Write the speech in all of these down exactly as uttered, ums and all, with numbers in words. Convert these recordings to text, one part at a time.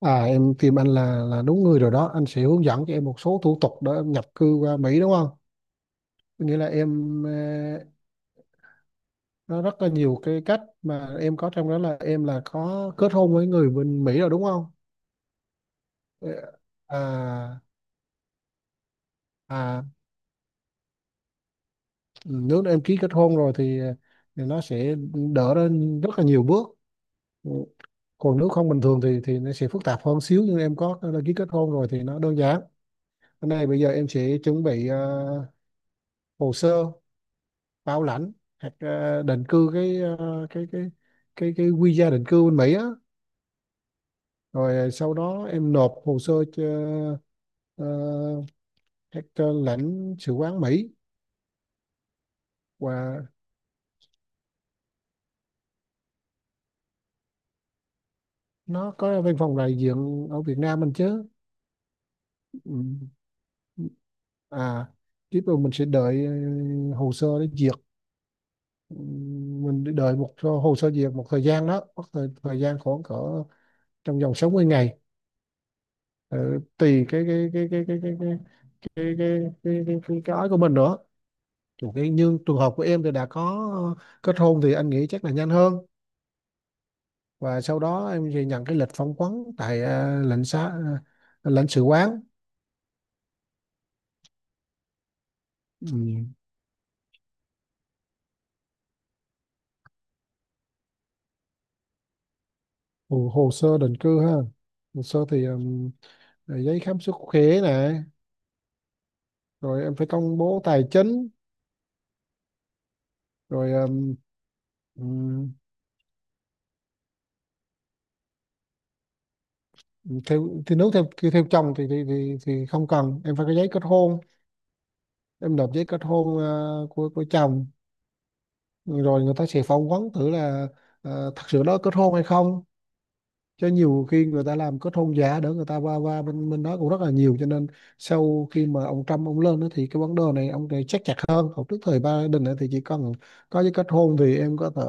À, em tìm anh là là đúng người rồi đó. Anh sẽ hướng dẫn cho em một số thủ tục để em nhập cư qua Mỹ, đúng không? Có nghĩa là em, ờ, nó rất là nhiều cái cách mà em có. Trong đó là em là có kết hôn với người bên Mỹ rồi đúng không? Ờ, À à Nếu em ký kết hôn rồi thì, thì nó sẽ đỡ lên rất là nhiều bước. Ừ. Còn nếu không bình thường thì thì nó sẽ phức tạp hơn xíu, nhưng em có ký kết hôn rồi thì nó đơn giản. Cái này bây giờ em sẽ chuẩn bị ờ, hồ sơ bảo lãnh, hoặc ờ, định cư, cái ờ, cái cái cái cái visa định cư bên Mỹ á, rồi sau đó em nộp hồ sơ cho ờ, các ờ, lãnh sự quán Mỹ, và nó có văn phòng đại diện ở Việt Nam mình chứ. Ừ. à Tiếp rồi mình sẽ đợi ờ, hồ sơ để duyệt. Ừ, mình đợi một hồ sơ duyệt một thời gian đó, mất thời, thời gian khoảng cỡ trong vòng sáu mươi ngày. Ờ, Tùy cái cái cái cái cái cái cái cái cái cái cái cái cái ói của mình nữa. Chủ cái, nhưng trường hợp của em thì đã có kết hôn thì anh nghĩ chắc là nhanh hơn. Và sau đó em thì nhận cái lịch phỏng vấn tại à, lãnh xá à, lãnh sự quán. Ừ. hồ, hồ sơ định cư ha, hồ sơ thì ừm, giấy khám sức khỏe này, rồi em phải công bố tài chính, rồi ừm, ừm, theo thì, nếu theo theo chồng thì thì thì, thì không cần, em phải có giấy kết hôn. Em nộp giấy kết hôn ờ, của của chồng, rồi người ta sẽ phỏng vấn thử là ờ, thật sự đó kết hôn hay không. Cho nhiều khi người ta làm kết hôn giả để người ta qua qua bên bên đó cũng rất là nhiều, cho nên sau khi mà ông Trump ông lên đó, thì cái vấn đề này ông này chắc chặt hơn. Còn trước thời Biden ấy, thì chỉ cần có giấy kết hôn thì em có thể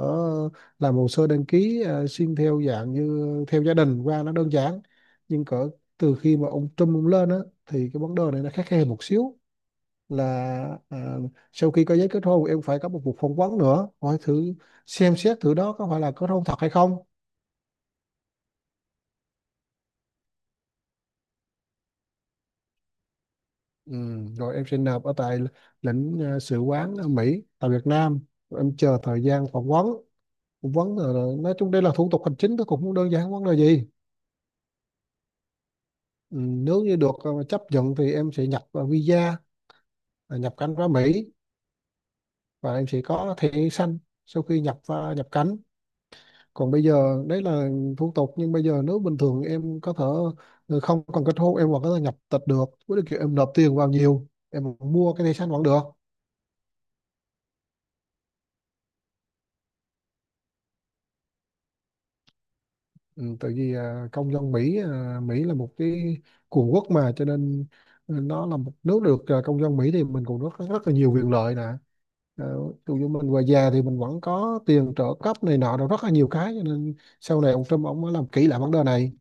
làm hồ sơ đăng ký ờ, xin theo dạng như theo gia đình qua, nó đơn giản. Nhưng cỡ từ khi mà ông Trump ông lên đó, thì cái vấn đề này nó khắt khe một xíu, là à, sau khi có giấy kết hôn em phải có một cuộc phỏng vấn nữa, hỏi thử xem xét thử đó có phải là kết hôn thật hay không. ừ, Rồi em sẽ nộp ở tại lãnh à, sự quán ở Mỹ tại Việt Nam. Rồi em chờ thời gian phỏng vấn. Phỏng vấn là là- nói chung đây là thủ tục hành chính, nó cũng không đơn giản vấn đề gì. ừ, Nếu như được à, chấp nhận thì em sẽ nhập à, visa à, nhập cảnh vào Mỹ, và em sẽ có thẻ xanh sau khi nhập à, nhập cảnh. Còn bây giờ đấy là thủ tục, nhưng bây giờ nếu bình thường em có thể ờ, không cần kết hôn em vẫn có thể nhập tịch được, với điều kiện em nộp tiền vào nhiều, em mua cái thẻ xanh vẫn được. ừ, Tại vì à, công dân Mỹ, à, Mỹ là một cái cường quốc, mà cho nên ờ, nó là một nước được à, công dân Mỹ thì mình cũng rất rất là nhiều quyền lợi nè. Uh, ví dụ như mình về già thì mình vẫn có tiền trợ cấp này nọ, rồi rất là nhiều cái, cho nên sau này ông Trump ông mới làm kỹ lại vấn đề này.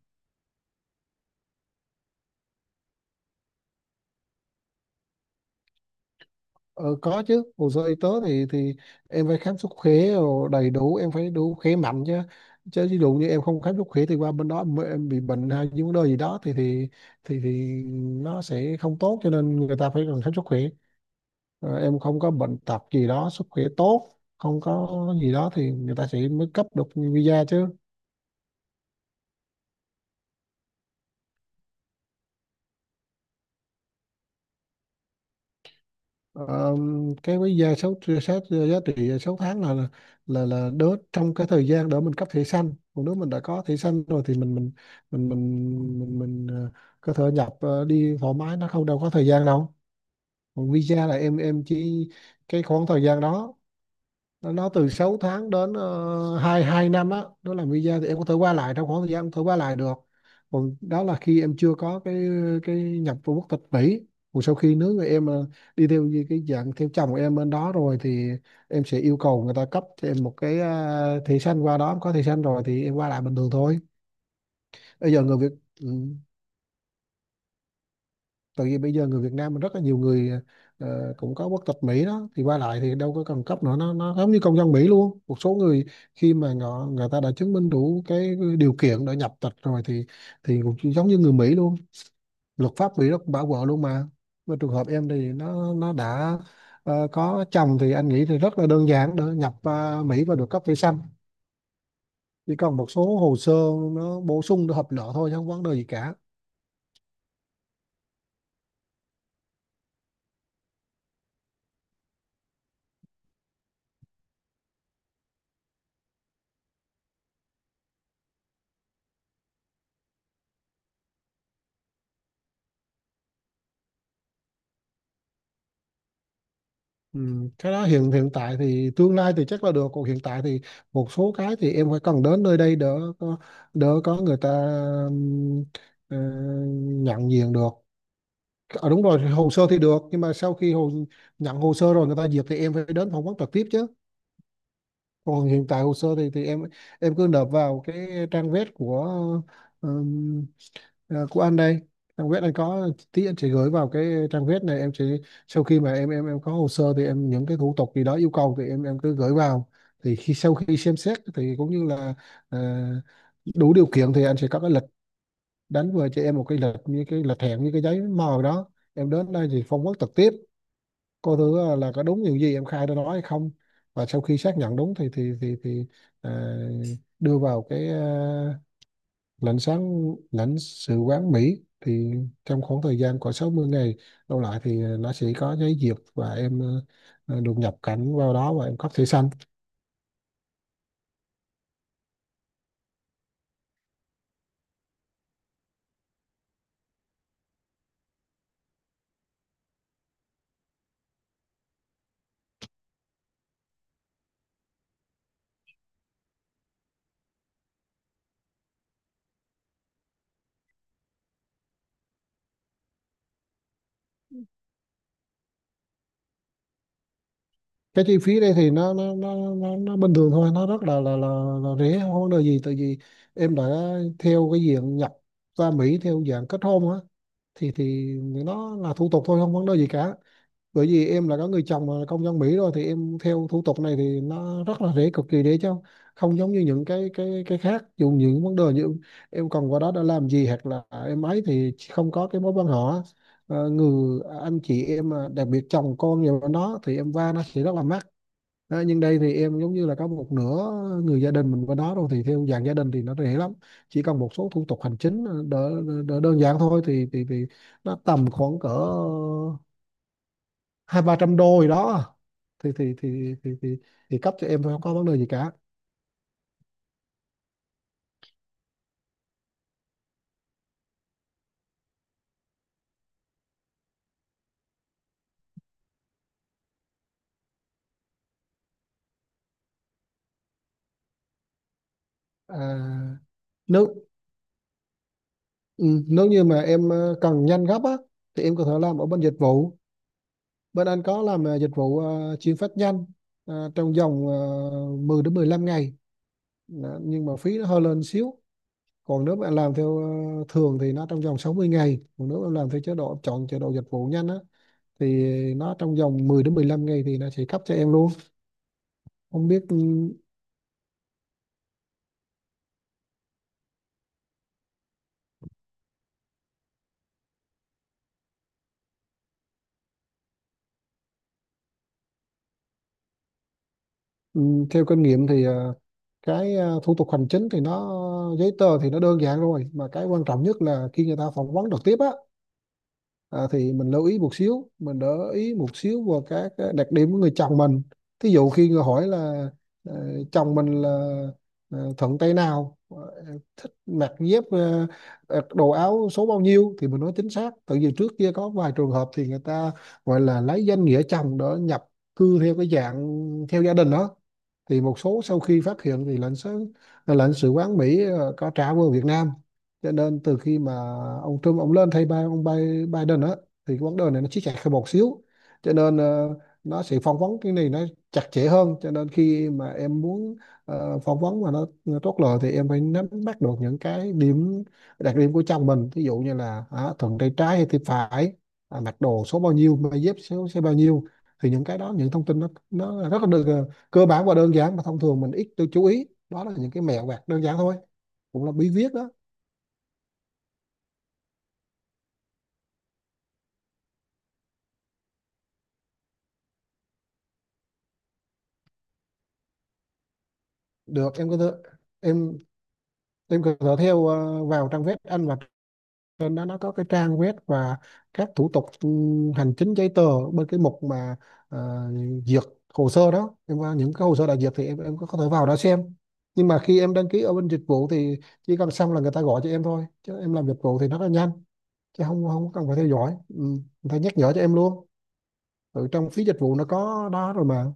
Ờ, có chứ, hồ sơ y tế thì thì em phải khám sức khỏe rồi đầy đủ, em phải đủ khỏe mạnh chứ. Chứ ví dụ như em không khám sức khỏe thì qua bên đó em, em bị bệnh hay những vấn đề gì đó thì thì thì thì nó sẽ không tốt, cho nên người ta phải cần khám sức khỏe. Ờ, em không có bệnh tật gì đó, sức khỏe tốt, không có gì đó thì người ta sẽ mới cấp được visa chứ. Ờ, cái với giá số sát giá trị sáu tháng là là là đỡ trong cái thời gian đỡ mình cấp thẻ xanh. Còn nếu mình đã có thẻ xanh rồi thì mình mình mình mình mình, mình ờ, có thể nhập ờ, đi thoải mái, nó không đâu có thời gian đâu. Còn visa là em em chỉ cái khoảng thời gian đó, nó nó từ sáu tháng đến uh, hai 2 năm á, đó là visa thì em có thể qua lại, trong khoảng thời gian em có thể qua lại được. Còn đó là khi em chưa có cái cái nhập vào quốc tịch Mỹ. Còn sau khi nếu người em ờ, đi theo như cái dạng theo chồng của em bên đó rồi thì em sẽ yêu cầu người ta cấp cho em một cái ờ, thẻ xanh, qua đó em có thẻ xanh rồi thì em qua lại bình thường thôi. Bây giờ người Việt. Ừ. Tại vì bây giờ người Việt Nam mình rất là nhiều người ờ, cũng có quốc tịch Mỹ đó, thì qua lại thì đâu có cần cấp nữa, nó nó giống như công dân Mỹ luôn, một số người khi mà họ người ta đã chứng minh đủ cái điều kiện để nhập tịch rồi thì thì cũng giống như người Mỹ luôn. Luật pháp Mỹ nó cũng bảo vợ luôn, mà mà trường hợp em thì nó nó đã ờ, có chồng thì anh nghĩ thì rất là đơn giản để nhập ờ, Mỹ và được cấp thẻ xanh. Chỉ còn một số hồ sơ, nó bổ sung để hợp lệ thôi chứ không vấn đề gì cả. Ừ, cái đó hiện hiện tại thì, tương lai thì chắc là được, còn hiện tại thì một số cái thì em phải cần đến nơi, đây đỡ có, đỡ có người ta ừm, ờ, nhận diện được. Ờ, đúng rồi, hồ sơ thì được, nhưng mà sau khi hồ nhận hồ sơ rồi người ta duyệt thì em phải đến phỏng vấn trực tiếp chứ. Còn hiện tại hồ sơ thì thì em em cứ nộp vào cái trang web của ừm, ờ, của anh đây. Trang web anh có, tí anh sẽ gửi vào cái trang web này, em sẽ sau khi mà em em em có hồ sơ thì em những cái thủ tục gì đó yêu cầu thì em em cứ gửi vào. Thì khi sau khi xem xét thì cũng như là ờ, đủ điều kiện thì anh sẽ có cái lịch đánh về cho em, một cái lịch như cái lịch hẹn, như cái giấy mời đó, em đến đây thì phỏng vấn trực tiếp. Cô thứ ờ, là có đúng điều gì em khai ra đó hay không, và sau khi xác nhận đúng thì thì thì thì à, đưa vào cái uh, lãnh sáng lãnh sự quán Mỹ, thì trong khoảng thời gian của sáu mươi ngày đâu lại thì à, nó sẽ có giấy duyệt, và em ờ, được nhập cảnh vào đó và em cấp thẻ xanh. Cái chi phí đây thì nó nó nó nó, nó bình thường thôi, nó rất là là là, là rẻ, không có vấn đề gì, tại vì em đã theo cái diện nhập qua Mỹ theo dạng kết hôn á, thì thì nó là thủ tục thôi không vấn đề gì cả. Bởi vì em là có người chồng mà là công dân Mỹ rồi thì em theo thủ tục này thì nó rất là dễ, cực kỳ dễ, chứ không giống như những cái cái cái khác. Dù những vấn đề như em còn qua đó đã làm gì, hoặc là em ấy thì không có cái mối quan họ. Ờ, người anh chị em mà đặc biệt chồng con nhiều nó thì em va nó sẽ rất là mắc. Đó, nhưng đây thì em giống như là có một nửa người gia đình mình qua đó rồi, thì theo dạng gia đình thì nó dễ lắm. Chỉ cần một số thủ tục hành chính ờ, đỡ, đỡ đơn giản thôi, thì thì, thì nó tầm khoảng cỡ hai ba trăm đô gì đó, thì thì thì thì thì, thì cấp cho em thôi, không có vấn đề gì cả. à, nếu ừ, Nếu như mà em ờ, cần nhanh gấp á thì em có thể làm ở bên dịch vụ, bên anh có làm ờ, dịch vụ ờ, chuyển phát nhanh, ờ, trong vòng ờ, mười đến mười lăm ngày. Đó, nhưng mà phí nó hơi lên xíu. Còn nếu bạn làm theo ờ, thường thì nó trong vòng sáu mươi ngày, còn nếu em làm theo chế độ chọn chế độ dịch vụ nhanh á thì nó trong vòng mười đến mười lăm ngày thì nó sẽ cấp cho em luôn. Không biết ừ, Ừ, theo kinh nghiệm thì ờ, cái ờ, thủ tục hành chính thì nó giấy tờ thì nó đơn giản rồi, mà cái quan trọng nhất là khi người ta phỏng vấn trực tiếp á. À, thì mình lưu ý một xíu, mình để ý một xíu vào các cái đặc điểm của người chồng mình. Thí dụ khi người hỏi là ờ, chồng mình là ờ, thuận tay nào, ờ, thích mặc dép, ờ, ờ, đồ áo số bao nhiêu thì mình nói chính xác. Tại vì trước kia có vài trường hợp thì người ta gọi là lấy danh nghĩa chồng để nhập cư theo cái dạng theo gia đình đó, thì một số sau khi phát hiện thì lãnh sứ lãnh sự quán Mỹ ờ, có trả về Việt Nam. Cho nên từ khi mà ông Trump ông lên thay ba ông Bi- Biden á, thì cái vấn đề này nó siết chặt hơn một xíu. Cho nên ờ, nó sẽ phỏng vấn cái này nó chặt chẽ hơn. Cho nên khi mà em muốn ờ, phỏng vấn mà nó, nó tốt lời thì em phải nắm bắt được những cái điểm đặc điểm của chồng mình, ví dụ như là à, thuận tay trái hay tay phải, à, mặc đồ số bao nhiêu, giày dép số số bao nhiêu. Thì những cái đó, những thông tin nó nó rất là được, ờ, cơ bản và đơn giản, mà thông thường mình ít tôi chú ý. Đó là những cái mẹo vặt đơn giản thôi, cũng là bí viết đó. Được, em có thể em em có thể theo ờ, vào trang web anh, và trên đó nó có cái trang web và các thủ tục ừ, hành chính giấy tờ, bên cái mục mà ờ, duyệt hồ sơ đó. Em vào những cái hồ sơ đã duyệt thì em em có thể vào đó xem. Nhưng mà khi em đăng ký ở bên dịch vụ thì chỉ cần xong là người ta gọi cho em thôi, chứ em làm dịch vụ thì nó là nhanh, chứ không không cần phải theo dõi. Ừ, người ta nhắc nhở cho em luôn. Ừ, trong phí dịch vụ nó có đó rồi mà.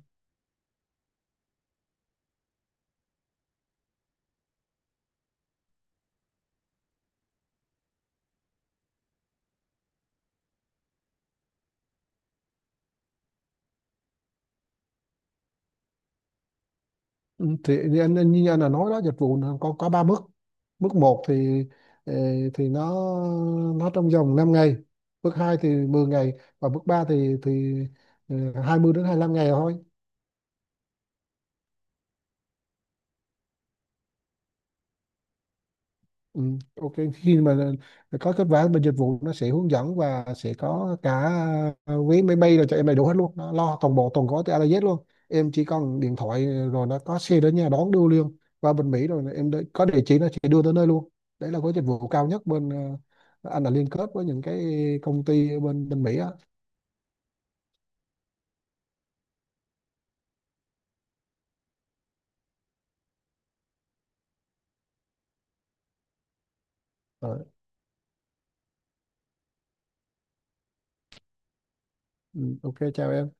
Ừ, thì như anh anh- như anh là nói đó, dịch vụ nó có có ba mức. Mức một thì ờ, thì nó nó trong vòng năm ngày. Mức hai thì mười ngày. Và mức ba thì thì ờ, hai mươi đến hai lăm ngày thôi. Ừ, ok, khi mà có kết quả bên dịch vụ nó sẽ hướng dẫn, và sẽ có cả ờ, vé máy bay rồi cho em đầy đủ hết luôn. Nó lo toàn bộ toàn gói từ a đến dét luôn. Em chỉ cần điện thoại rồi nó có xe đến nhà đón đưa liền. Qua bên Mỹ rồi em đợi- có địa chỉ nó sẽ đưa tới nơi luôn. Đấy là gói dịch vụ cao nhất. Bên ờ, anh là liên kết với những cái công ty ở bên bên Mỹ á. Ờ, ừ, ok, chào em.